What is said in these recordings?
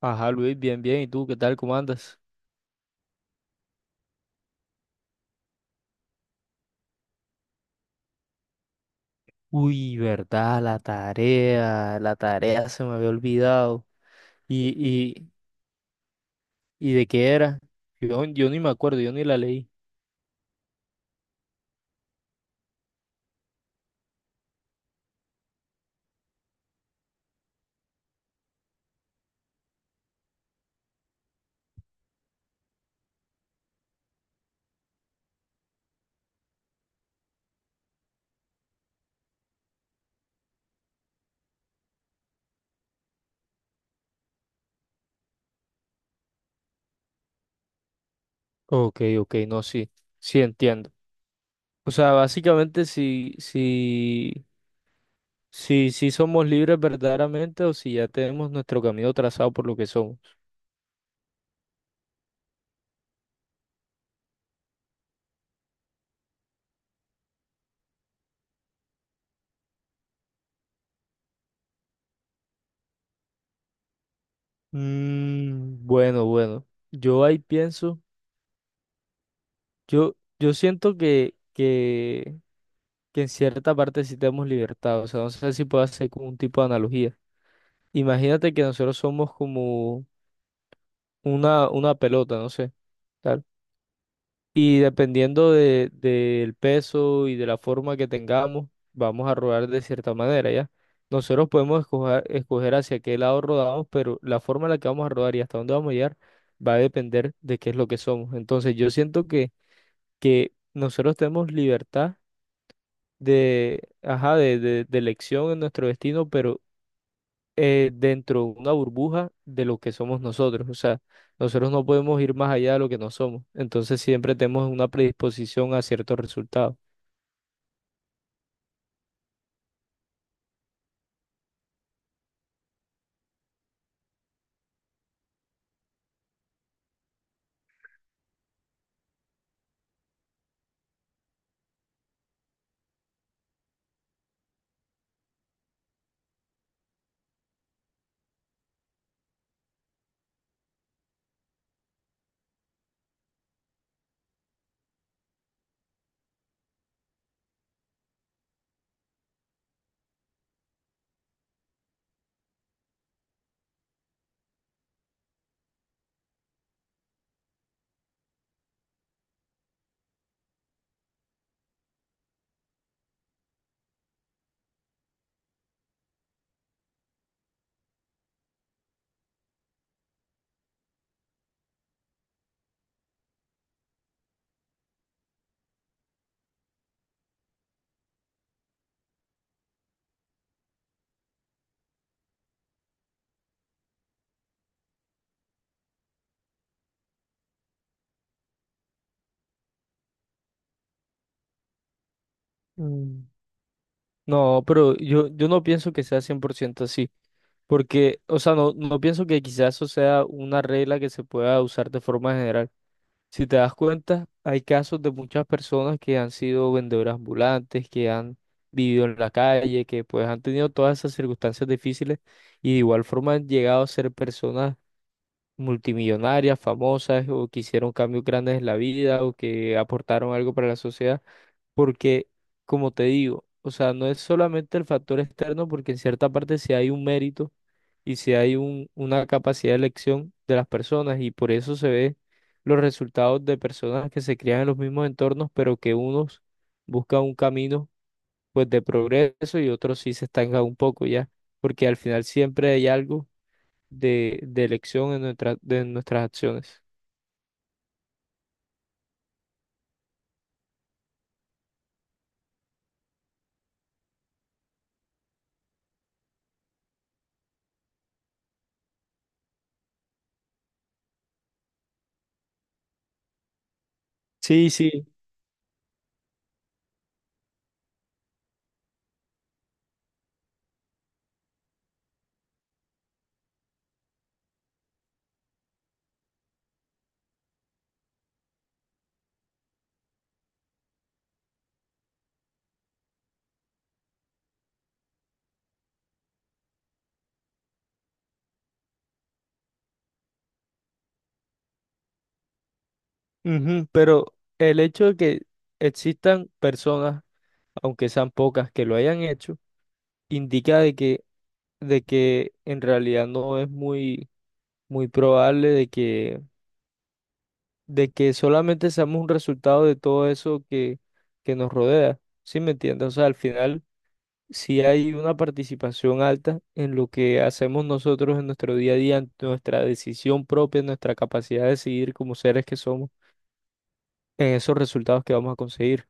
Ajá, Luis, bien, bien. ¿Y tú qué tal? ¿Cómo andas? Uy, verdad, la tarea se me había olvidado. ¿Y, y, y de qué era? Yo ni me acuerdo, yo ni la leí. Ok, ok, no, sí, sí entiendo. O sea, básicamente si somos libres verdaderamente o si ya tenemos nuestro camino trazado por lo que somos. Mm, bueno, bueno. Yo ahí pienso, yo siento que en cierta parte sí tenemos libertad. O sea, no sé si puedo hacer como un tipo de analogía. Imagínate que nosotros somos como una pelota, no sé, tal. Y dependiendo del peso y de la forma que tengamos, vamos a rodar de cierta manera, ¿ya? Nosotros podemos escoger, escoger hacia qué lado rodamos, pero la forma en la que vamos a rodar y hasta dónde vamos a llegar va a depender de qué es lo que somos. Entonces, yo siento que nosotros tenemos libertad de, ajá, de elección en nuestro destino, pero dentro de una burbuja de lo que somos nosotros. O sea, nosotros no podemos ir más allá de lo que no somos. Entonces siempre tenemos una predisposición a ciertos resultados. Mm, No, pero yo no pienso que sea 100% así. Porque, o sea, no, no pienso que quizás eso sea una regla que se pueda usar de forma general. Si te das cuenta, hay casos de muchas personas que han sido vendedoras ambulantes, que han vivido en la calle, que pues han tenido todas esas circunstancias difíciles y de igual forma han llegado a ser personas multimillonarias, famosas o que hicieron cambios grandes en la vida o que aportaron algo para la sociedad porque, como te digo, o sea, no es solamente el factor externo, porque en cierta parte sí hay un mérito y sí hay un- una capacidad de elección de las personas y por eso se ve los resultados de personas que se crían en los mismos entornos, pero que unos buscan un camino pues de progreso y otros sí se estancan un poco ya, porque al final siempre hay algo de elección en nuestra- de nuestras acciones. Sí, sí, ujú, pero el hecho de que existan personas aunque sean pocas que lo hayan hecho, indica de de que en realidad no es muy, muy probable de de que solamente seamos un resultado de todo eso que nos rodea. ¿Sí me entiendes? O sea, al final, si hay una participación alta en lo que hacemos nosotros en nuestro día a día, en nuestra decisión propia, en nuestra capacidad de decidir como seres que somos, en esos resultados que vamos a conseguir.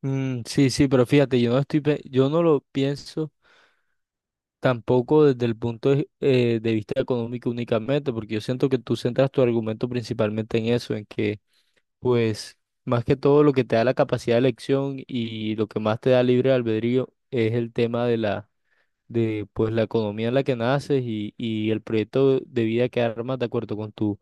Mm, sí, sí, pero fíjate, yo no estoy, pe- yo no lo pienso tampoco desde el punto de vista económico únicamente, porque yo siento que tú centras tu argumento principalmente en eso, en que, pues, más que todo lo que te da la capacidad de elección y lo que más te da libre albedrío es el tema de la, de, pues, la economía en la que naces y el proyecto de vida que armas de acuerdo con tu,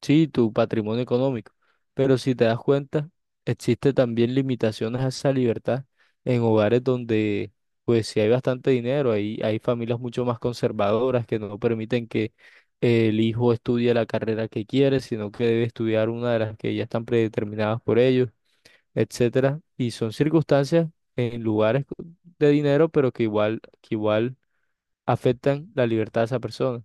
sí, tu patrimonio económico. Pero si te das cuenta, existe también limitaciones a esa libertad en hogares donde, pues, si hay bastante dinero, hay familias mucho más conservadoras que no permiten que el hijo estudie la carrera que quiere, sino que debe estudiar una de las que ya están predeterminadas por ellos, etcétera. Y son circunstancias en lugares de dinero, pero que igual afectan la libertad de esa persona.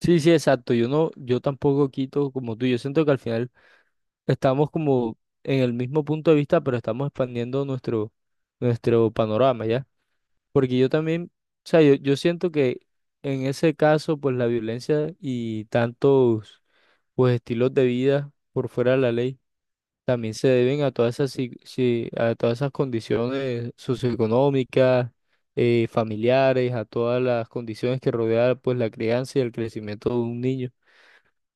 Sí, sí, exacto. Yo no, yo tampoco quito como tú. Yo siento que al final estamos como en el mismo punto de vista, pero estamos expandiendo nuestro panorama, ¿ya? Porque yo también, o sea, yo siento que en ese caso, pues la violencia y tantos, pues estilos de vida por fuera de la ley también se deben a todas esas, si- si- a todas esas condiciones socioeconómicas, familiares, a todas las condiciones que rodean, pues la crianza y el crecimiento de un niño.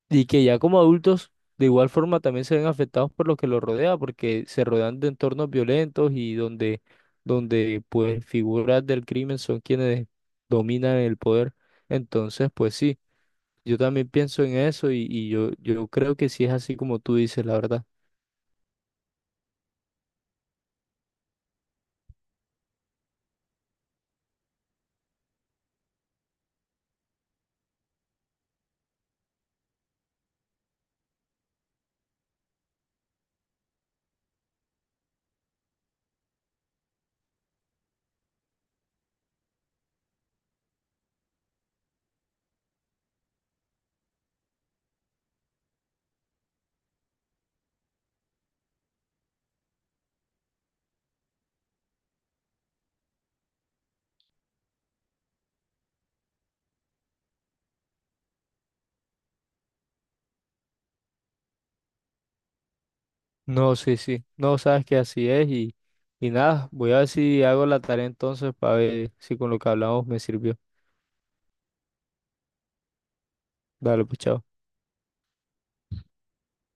Y que ya como adultos, de igual forma, también se ven afectados por lo que los rodea, porque se rodean de entornos violentos y donde, donde pues figuras del crimen son quienes dominan el poder. Entonces, pues sí, yo también pienso en eso y yo creo que sí es así como tú dices, la verdad. No, sí, sí, no sabes que así es y nada, voy a ver si hago la tarea entonces para ver si con lo que hablamos me sirvió. Dale, pues chao.